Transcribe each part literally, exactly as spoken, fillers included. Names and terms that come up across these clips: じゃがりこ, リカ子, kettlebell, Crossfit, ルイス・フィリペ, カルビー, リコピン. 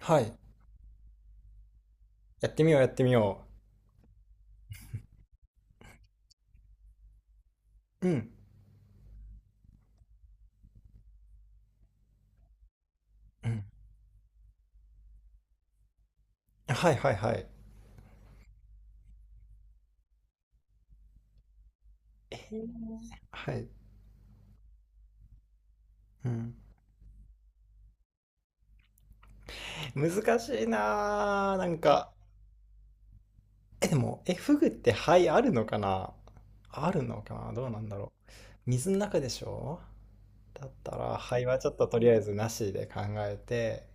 はい。やってみよう、やってみよう。うん。うん。はいはいはい。はい。うん。難しいなあ、なんか。え、でも、え、フグって肺あるのかな？あるのかなどうなんだろう。水の中でしょ？だったら、肺はちょっととりあえずなしで考えて、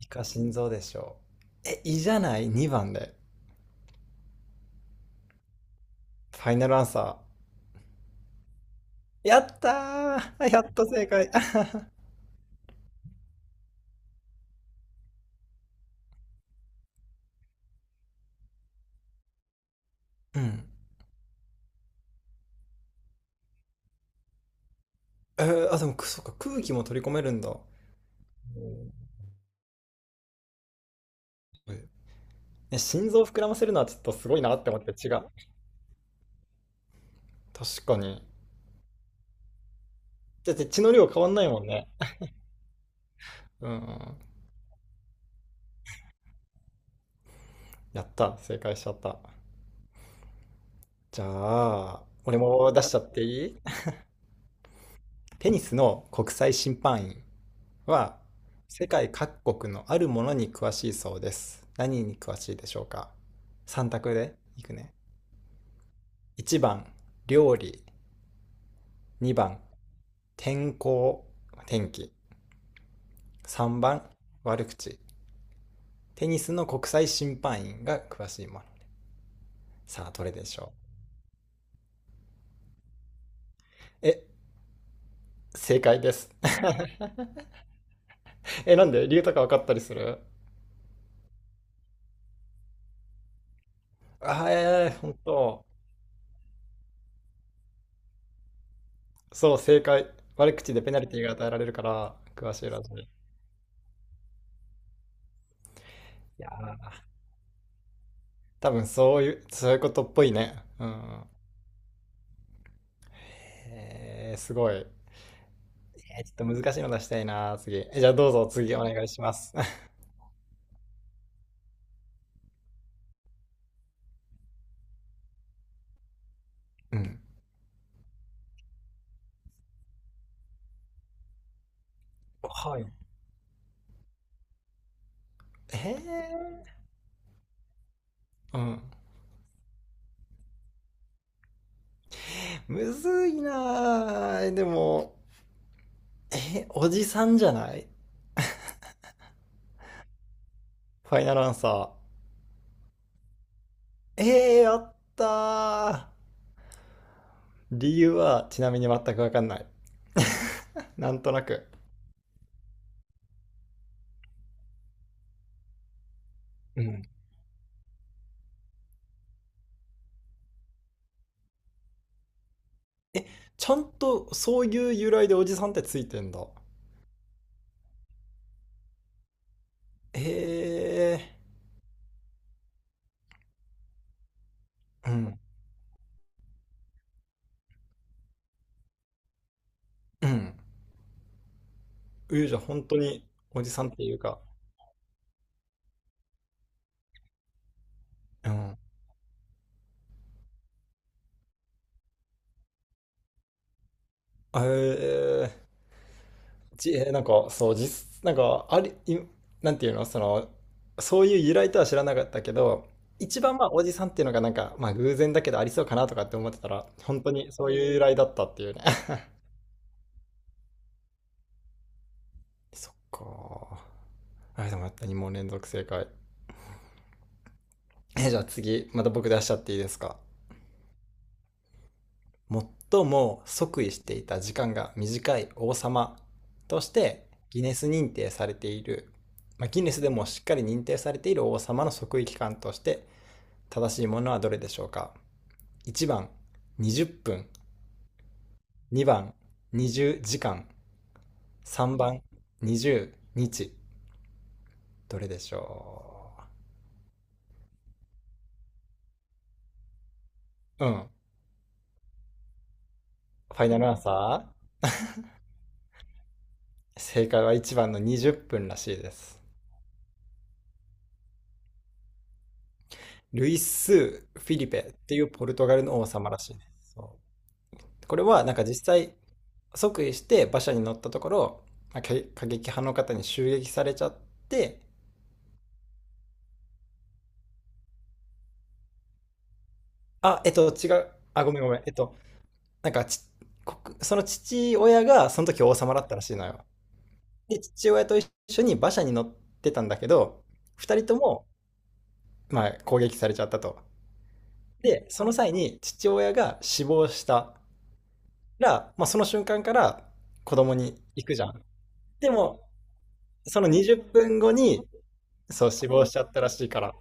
イカ心臓でしょ？え、胃じゃない？にばんで。ファイナルアンサー。やったー、やっと正解。うん。えーあ、でも、くそっか、空気も取り込めるんだ。ね、心臓膨らませるのはちょっとすごいなって思って、違う。確かに。だって血の量変わんないもんね。うんうん、やった。正解しちゃった。じゃあ、俺も出しちゃっていい？テニスの国際審判員は、世界各国のあるものに詳しいそうです。何に詳しいでしょうか？ さん 択でいくね。いちばん、料理。にばん、天候、天気。さんばん、悪口。テニスの国際審判員が詳しいもの。さあ、どれでしょう。え、正解です。え、なんで？理由とか分かったりする？あー。えー、本当。そう、正解。悪口でペナルティーが与えられるから、詳しいらしい。いや、多分そういう、そういうことっぽいね。うん。えー、すごい。えー、ちょっと難しいの出したいな、次。え、じゃあどうぞ、次お願いします。うん。はい。えー、うん。むずいなー。でも、え、おじさんじゃない？ファイナルアンサー。ええー、やったー。理由はちなみに全くわかんない。なんとなく。うん。え、ちゃんとそういう由来でおじさんってついてんだ。ええー。うん。うん。うゆじゃ本当に、おじさんっていうか。うん。ええー。じ、えーなんか、そう、実、なんか、あり、いなんていうの、その、そういう由来とは知らなかったけど、一番まあ、おじさんっていうのがなんか、まあ、偶然だけどありそうかなとかって思ってたら、本当にそういう由来だったっていうね。そっか。あれでもやった、に問連続正解。えーじゃあ次、また僕出しちゃっていいですか。最も即位していた時間が短い王様として、ギネス認定されている、まあ、ギネスでもしっかり認定されている王様の即位期間として、正しいものはどれでしょうか？ いち 番、にじゅっぷん。にばん、にじゅうじかん。さんばん、はつか。どれでしょう？うん。ファイナルアンサー。正解はいちばんのにじゅっぷんらしいです。ルイス・フィリペっていうポルトガルの王様らしいです。そう、これはなんか実際即位して馬車に乗ったところ、過激派の方に襲撃されちゃって、あ、えっと違う。あ、ごめんごめん。えっと、なんかち、国、その父親がその時王様だったらしいのよ。で、父親と一緒に馬車に乗ってたんだけど、二人とも、まあ、攻撃されちゃったと。で、その際に父親が死亡したら、まあ、その瞬間から子供に行くじゃん。でも、そのにじゅっぷんごに、そう、死亡しちゃったらしいから。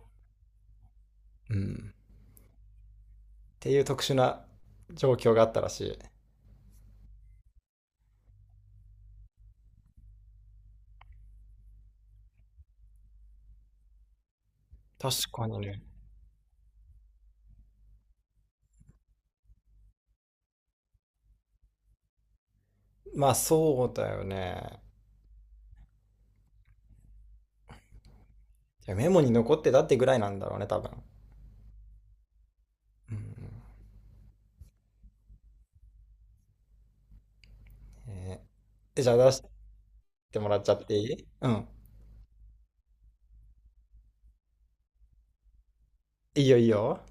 うん。っていう特殊な状況があったらしい。確かにね。まあ、そうだよね。いや、メモに残ってたってぐらいなんだろうね、多分。うん。えーじゃあ出してもらっちゃっていい？うん。いいよいいよ。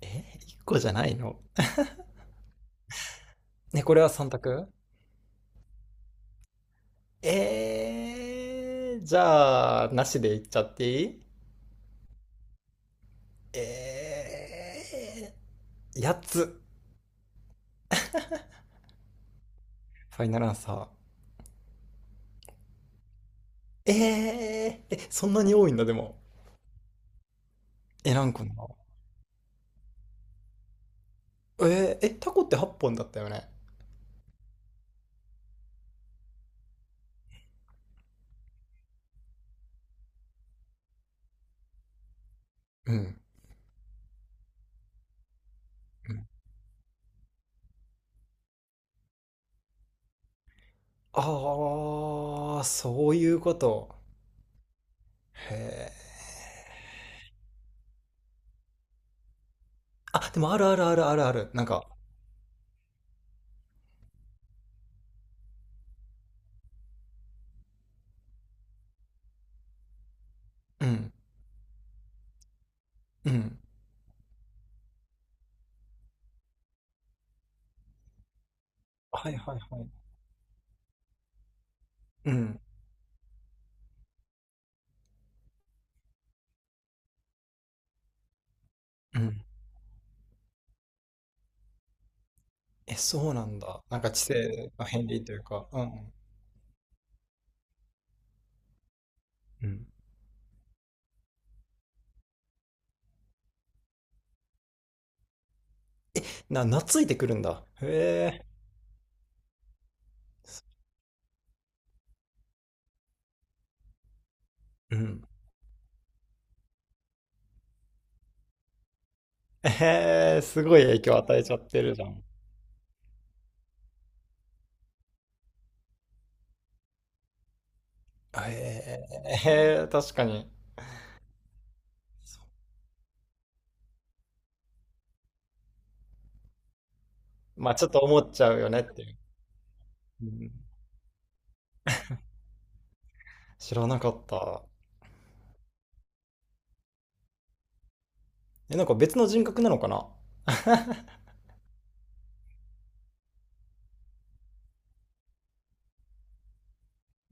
えー、いっこじゃないの？ね、これはさん択？えー、じゃあ、なしでいっちゃっていい？えー、やっつ。ファイナルアンサー。えー、え、そんなに多いんだ、でも。え、何個なの？えー、え、タコってはっぽんだったよね。うん。うん。ああ、そういうこと。へえ。あ、でもあるあるあるあるある。なんか、うん、うん。はいはいはい。うん。うん。え、そうなんだ。なんか知性の片鱗というか。うん。うん。な、懐いてくるんだ。へえ。うん。えー、すごい影響与えちゃってるじゃん。えー、えー確かに。まあちょっと思っちゃうよねっていう。うん、知らなかった。え、なんか別の人格なのかな？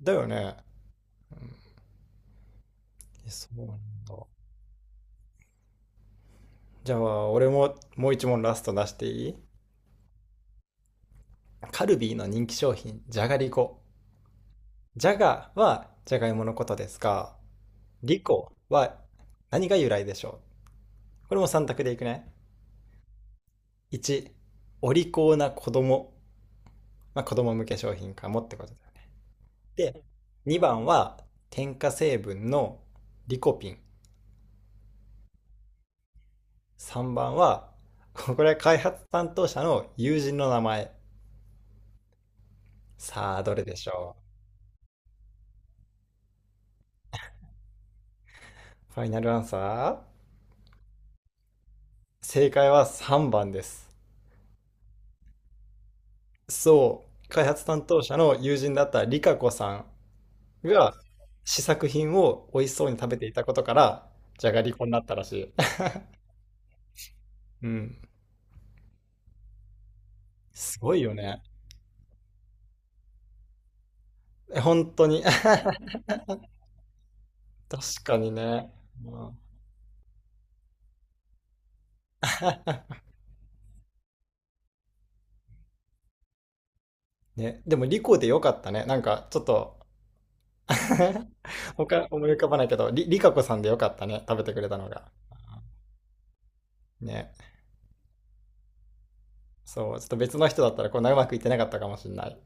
だよね。うん、え、そうなんだ。じゃあ、俺ももう一問ラスト出していい？カルビーの人気商品、じゃがりこ。じゃがはじゃがいものことですが、リコは何が由来でしょう？これもさん択でいくね。いち、お利口な子供。まあ、子供向け商品かもってことだよね。で、にばんは添加成分のリコピン。さんばんは、これは開発担当者の友人の名前。さあ、どれでしょう？ファイナルアンサー。正解はさんばんです。そう、開発担当者の友人だったリカ子さんが試作品を美味しそうに食べていたことから、じゃがりこになったらしい。うん。すごいよね。本当に。確かにね。うん。 ね、でも、リコでよかったね。なんか、ちょっと 他思い浮かばないけど、リ、リカコさんでよかったね。食べてくれたのが。ね。そう、ちょっと別の人だったらこんなうまくいってなかったかもしれない。